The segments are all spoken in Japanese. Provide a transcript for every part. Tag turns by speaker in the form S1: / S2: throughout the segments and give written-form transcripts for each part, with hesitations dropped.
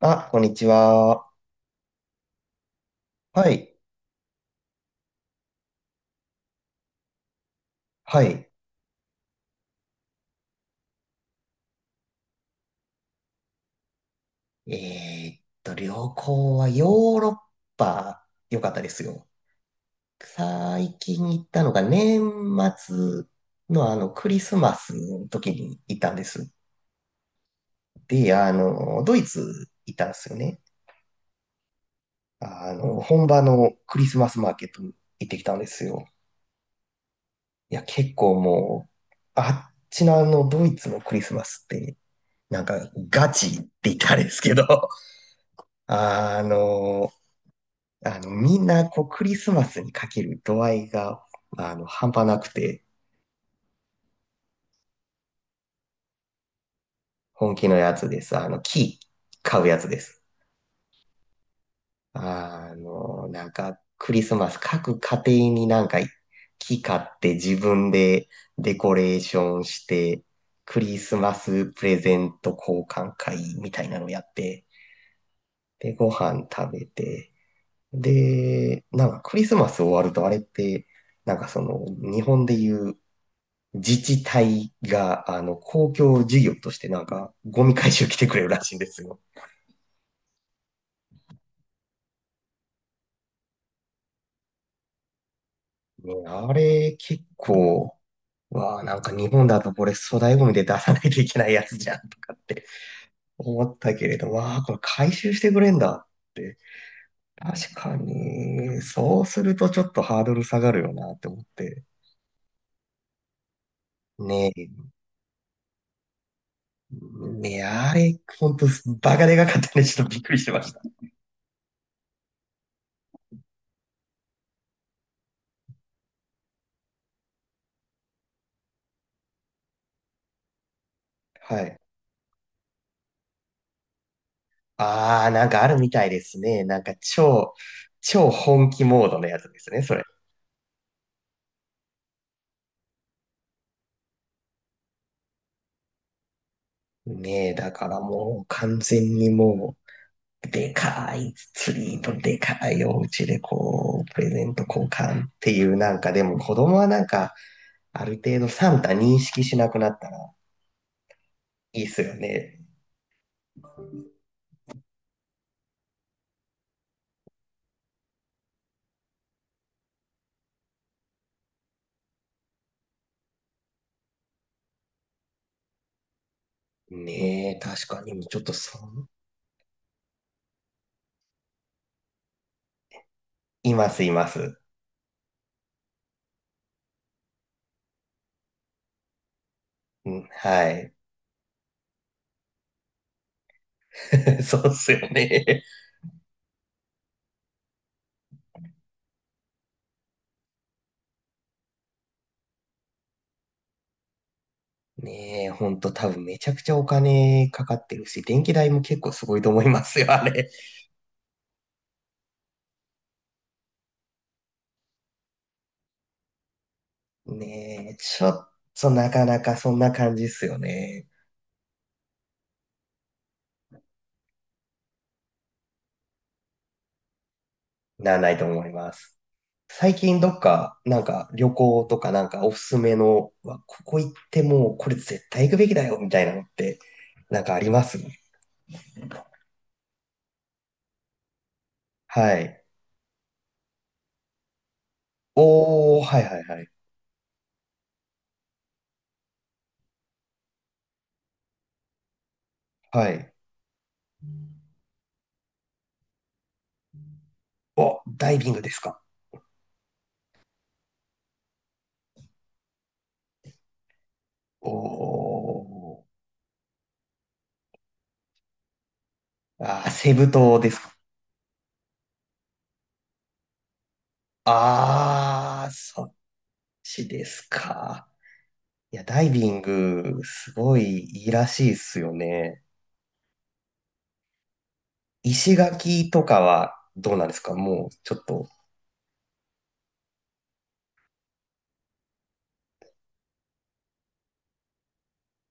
S1: あ、こんにちは。はい。はい。旅行はヨーロッパ、良かったですよ。最近行ったのが年末のクリスマスの時に行ったんです。で、ドイツ行ったんですよね。本場のクリスマスマーケットに行ってきたんですよ。いや、結構もう、あっちのドイツのクリスマスって、なんか、ガチって言ったらあれですけど、あのみんな、こう、クリスマスにかける度合いが、半端なくて、本気のやつです。木、買うやつです。なんか、クリスマス、各家庭になんか、木買って自分でデコレーションして、クリスマスプレゼント交換会みたいなのやって、で、ご飯食べて、で、なんかクリスマス終わるとあれって、なんかその、日本でいう自治体が、公共事業としてなんか、ゴミ回収来てくれるらしいんですよ。ね、あれ、結構、わあ、なんか日本だとこれ粗大ゴミで出さないといけないやつじゃんとかって思ったけれど、わあ、これ回収してくれんだって。確かに、そうするとちょっとハードル下がるよなって思って。ねえ、ねえ、あれ、ほんと、バカでかかったね。ちょっとびっくりしてました。はい。ああ、なんかあるみたいですね。なんか超、超本気モードのやつですね、それ。ねえ、だからもう完全にもう、でかいツリーとでかいお家でこう、プレゼント交換っていうなんか、でも子供はなんか、ある程度サンタ認識しなくなったらいいっすよね。ねえ、確かに、ちょっとそう、います、います。うん、はい。そうっすよね。ねえ、ほんと多分めちゃくちゃお金かかってるし、電気代も結構すごいと思いますよ、あれ。ねえ、ちょっとなかなかそんな感じっすよね。ならないと思います。最近どっか、なんか旅行とかなんかおすすめの、うわここ行ってもうこれ絶対行くべきだよ、みたいなのって、なんかあります？はい。おー、はいはいはい。はい。お、ダイビングですか？おー。あー、セブ島ですか？あー、そしですか。いや、ダイビング、すごいいいらしいっすよね。石垣とかはどうなんですか、もう、ちょっと、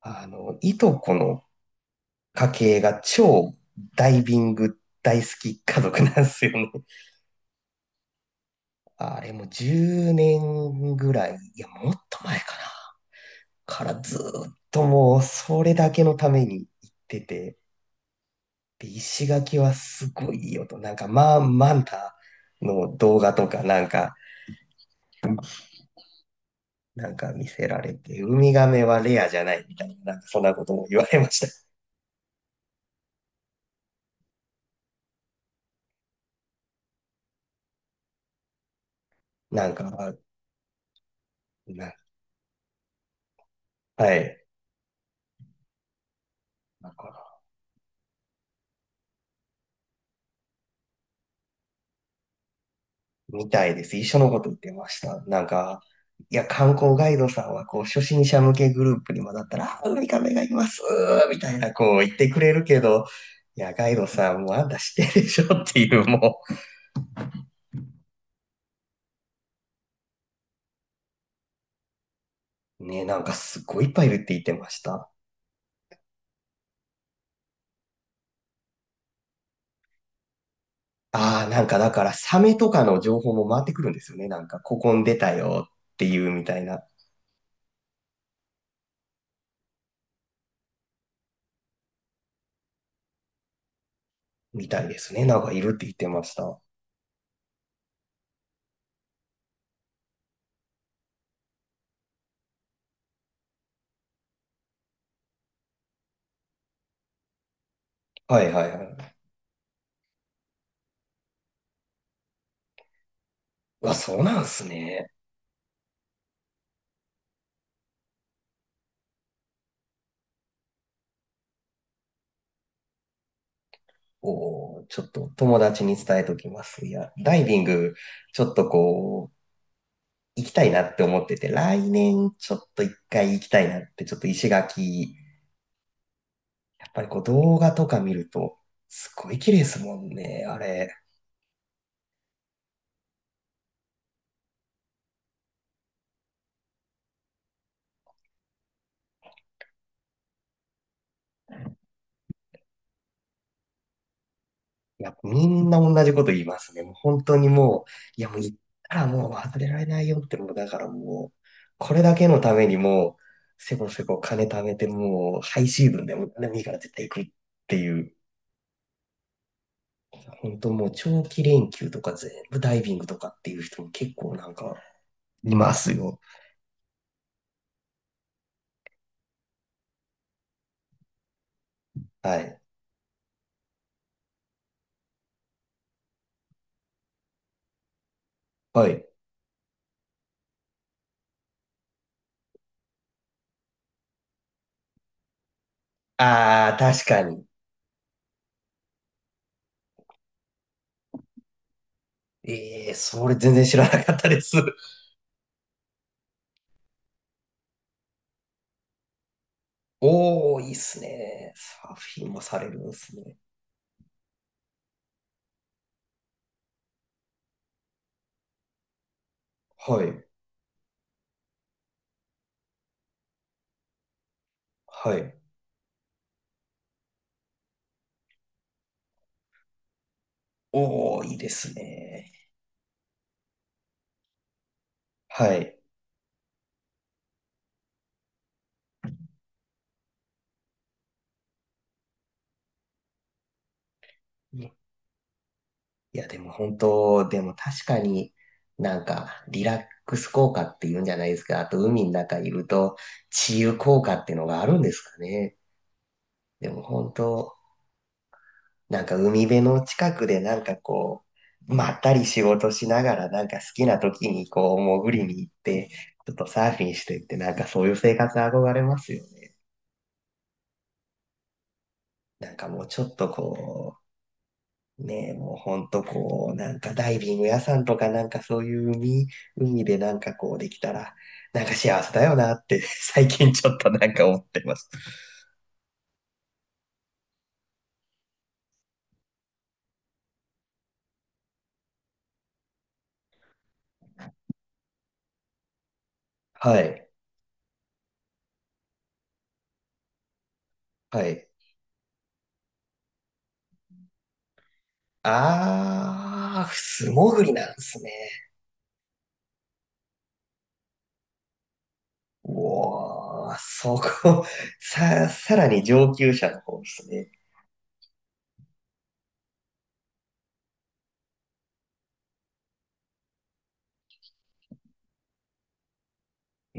S1: いとこの家系が超ダイビング大好き家族なんですよね。あれも10年ぐらい、いや、もっと前かな。からずーっともう、それだけのために行ってて、で、石垣はすごいいいよと。なんか、まあ、マンタの動画とか、なんか、なんか見せられて、ウミガメはレアじゃないみたいな、なんかそんなことも言われました。なんか、な、はい。なんか、みたいです。一緒のこと言ってました。なんか、いや、観光ガイドさんは、こう、初心者向けグループにもだったら、あウミガメがいますみたいな、こう言ってくれるけど、いや、ガイドさんもあんた知ってるでしょっていう、もう、ね、なんかすっごいいっぱいいるって言ってました。ああ、なんかだから、サメとかの情報も回ってくるんですよね。なんか、ここに出たよっていうみたいな。みたいですね。なんかいるって言ってました。はいはいはい。あ、そうなんすね。おー、ちょっと友達に伝えときます。いや、ダイビング、ちょっとこう、行きたいなって思ってて、来年ちょっと一回行きたいなって、ちょっと石垣、やっぱりこう動画とか見ると、すごい綺麗ですもんね、あれ。いや、みんな同じこと言いますね。もう本当にもう、いやもう行ったらもう忘れられないよって、もうだからもう、これだけのためにもう、せこせこ金貯めてもう、ハイシーズンでも何でもいいから絶対行くっていう、本当もう長期連休とか全部ダイビングとかっていう人も結構なんかいますよ。はい。はい。ああ、確かに。ええ、それ全然知らなかったです。おー、いいっすね。サーフィンもされるんですね。はい。はい。おー、いいですね。はい。いや、でも本当、でも確かになんかリラックス効果っていうんじゃないですか。あと海の中いると治癒効果っていうのがあるんですかね。でも本当、なんか海辺の近くでなんかこう、まったり仕事しながらなんか好きな時にこう潜りに行って、ちょっとサーフィンしてってなんかそういう生活憧れますよね。なんかもうちょっとこう、ねえ、もうほんとこう、なんかダイビング屋さんとかなんかそういう海、海でなんかこうできたら、なんか幸せだよなって 最近ちょっとなんか思ってます。はい、はい。あー、素潜りなんですね。おー、そこ、さ、さらに上級者の方ですね。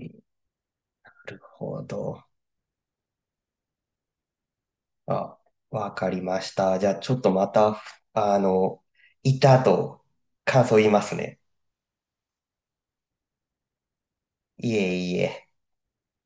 S1: なるほど。あ、わかりました。じゃあちょっとまた、あの、いたと感想言いますね。いえいえ。